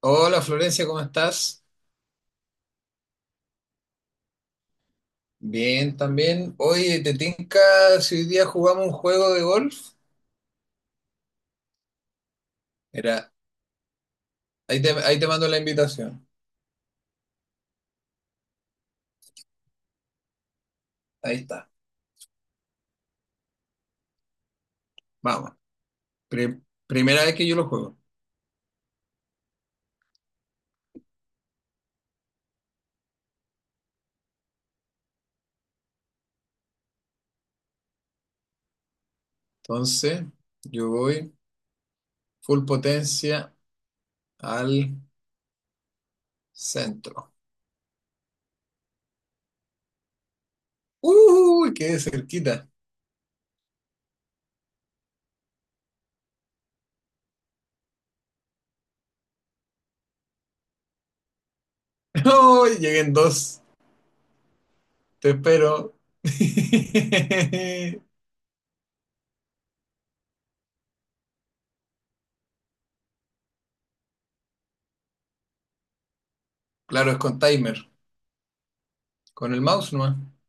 Hola Florencia, ¿cómo estás? Bien, también. Oye, ¿te tinca si hoy día jugamos un juego de golf? Mira, ahí te mando la invitación. Ahí está, vamos. Pri- primera vez que yo lo juego. Entonces, yo voy full potencia al centro. ¡Uy! Quedé cerquita. ¡Uy! Llegué en dos. Te espero. Claro, es con timer. Con el mouse nomás.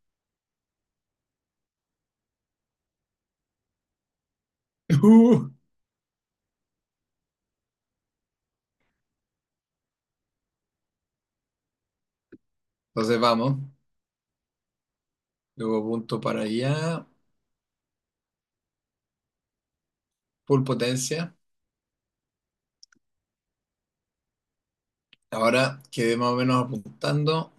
Uh, entonces vamos. Luego punto para allá. Full potencia. Ahora quedé más o menos apuntando.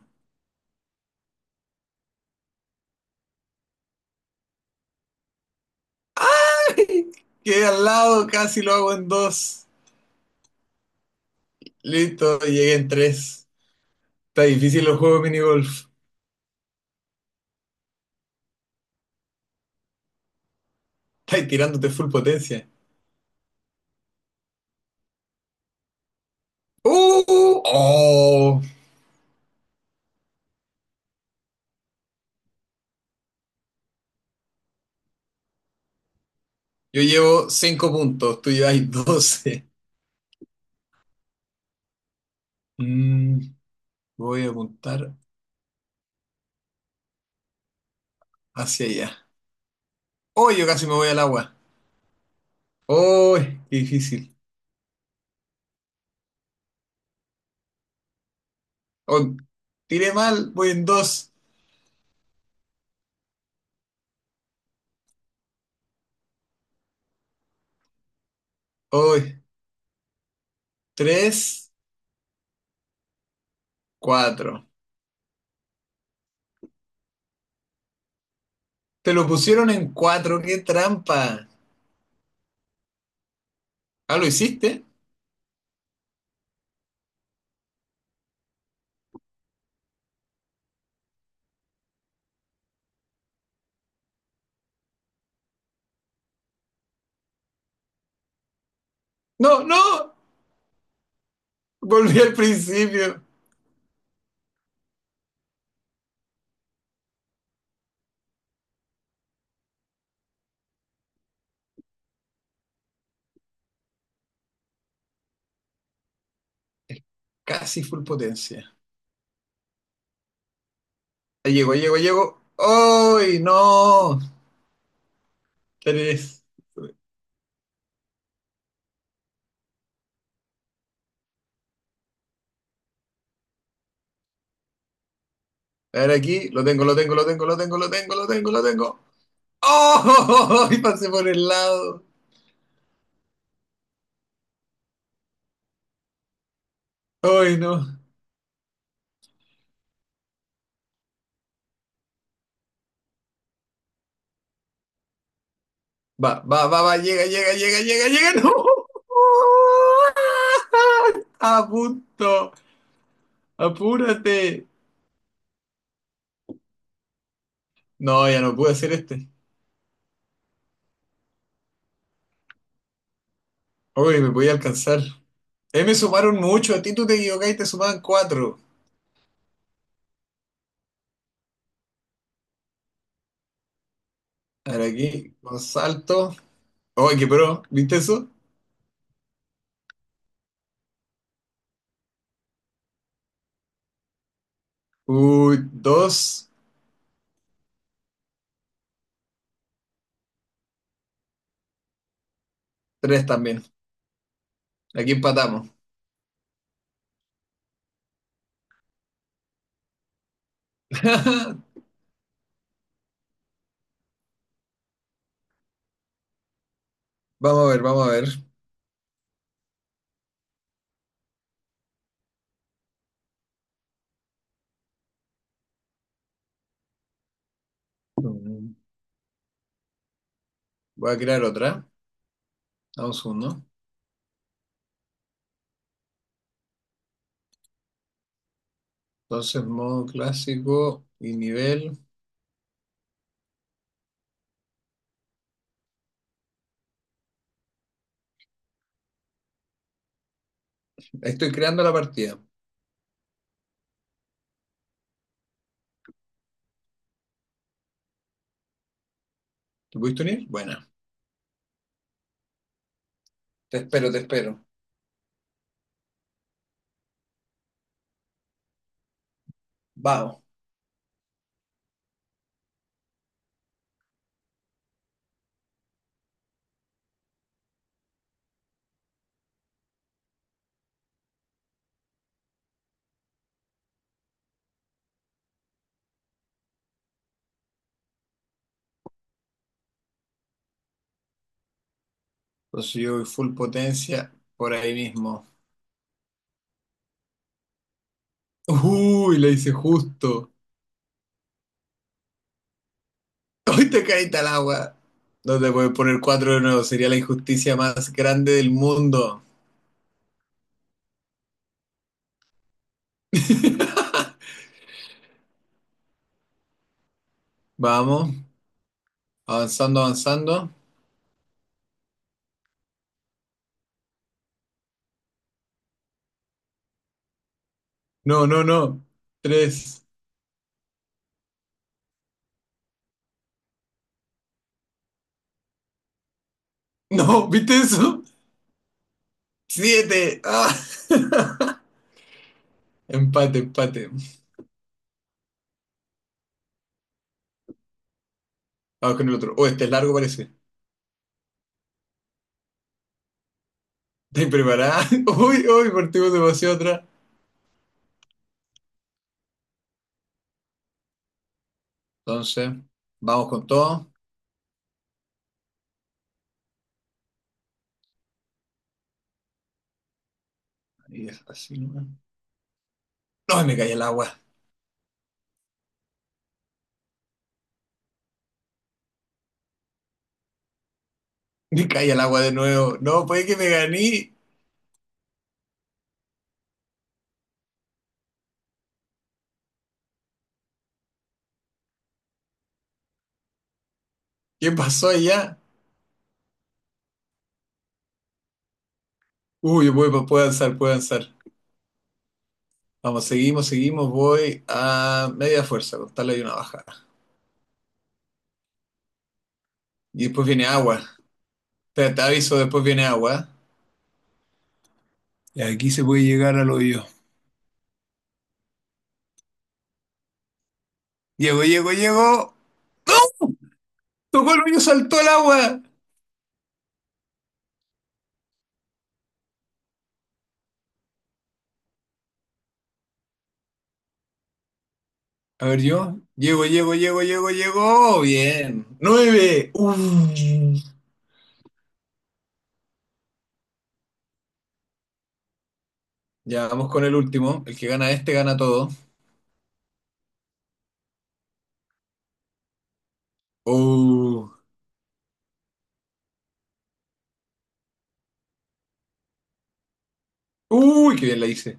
¡Ay! Quedé al lado, casi lo hago en dos. Listo, llegué en tres. Está difícil los juegos de minigolf. Estás tirándote full potencia. ¡Uh! ¡Oh! Yo llevo cinco puntos, tú llevas 12. Mm, voy a apuntar hacia allá. ¡Oh! Yo casi me voy al agua. ¡Oh! Qué difícil. Oh, tiré mal, voy en dos. ¡Oh! Tres, cuatro. Te lo pusieron en cuatro, qué trampa. Ah, ¿lo hiciste? No, no. Volví al principio. Casi full potencia. Ahí llego, llego, llego. ¡Ay, no! Tres. A ver aquí. Lo tengo, lo tengo, lo tengo, lo tengo, lo tengo, lo tengo, lo tengo. ¡Oh! Y pasé por el lado. ¡Ay, no! Va, va, va, va. Llega, llega, llega, llega, llega. ¡No! A punto. Apúrate. No, ya no pude hacer este. Uy, me voy a alcanzar. Me sumaron mucho. A ti tú te equivocaste y te sumaban cuatro. A ver, aquí, con salto. Uy, qué pro. ¿Viste eso? Uy, dos, tres también. Aquí empatamos. Vamos a ver, vamos a ver. Mm, voy a crear otra. Vamos uno. Entonces, modo clásico y nivel. Ahí estoy creando la partida. ¿Te pudiste unir? Buena. Te espero, te espero. Vamos. Entonces yo voy full potencia por ahí mismo. Uy, le hice justo. Hoy te caíste al agua. No te puedes poner cuatro de nuevo. Sería la injusticia más grande del mundo. Vamos. Avanzando, avanzando. No, no, no. Tres. No, ¿viste eso? Siete. Ah. Empate, empate. Vamos con el otro. Oh, este es largo parece. ¿Estás preparada? Uy, uy, partimos demasiado atrás. Entonces, vamos con todo. Ahí es así nomás. No, me caí el agua. Me caí el agua de nuevo. No, puede que me gané. ¿Qué pasó allá? Uy, voy, puedo avanzar, puedo avanzar. Vamos, seguimos, seguimos. Voy a media fuerza, costarle hay una bajada. Y después viene agua. Te aviso, después viene agua. Y aquí se puede llegar al hoyo. Llego, llego, llego. Tocó el hoyo, saltó al agua. A ver, yo. Llego, llego, llego, llego, llego. Bien. Nueve. Uy. Ya vamos con el último. El que gana este gana todo. Uh. Uy, qué bien la hice.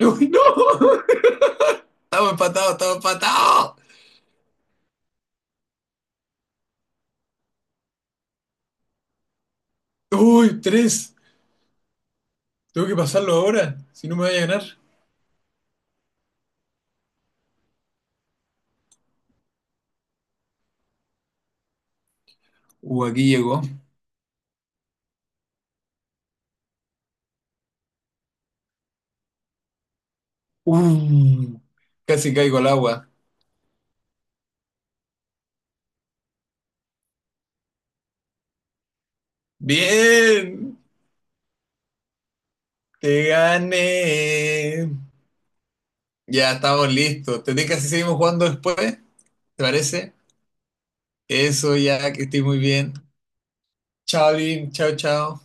Uy, no. Estamos empatados, estamos empatados. Uy, tres. Tengo que pasarlo ahora, si no me voy a ganar. Aquí llegó. Uh, casi caigo al agua. Bien, te gané. Ya estamos listos. ¿Te que si seguimos jugando después? ¿Te parece? Eso ya, que estoy muy bien. Chao, Lin. Chao, chao.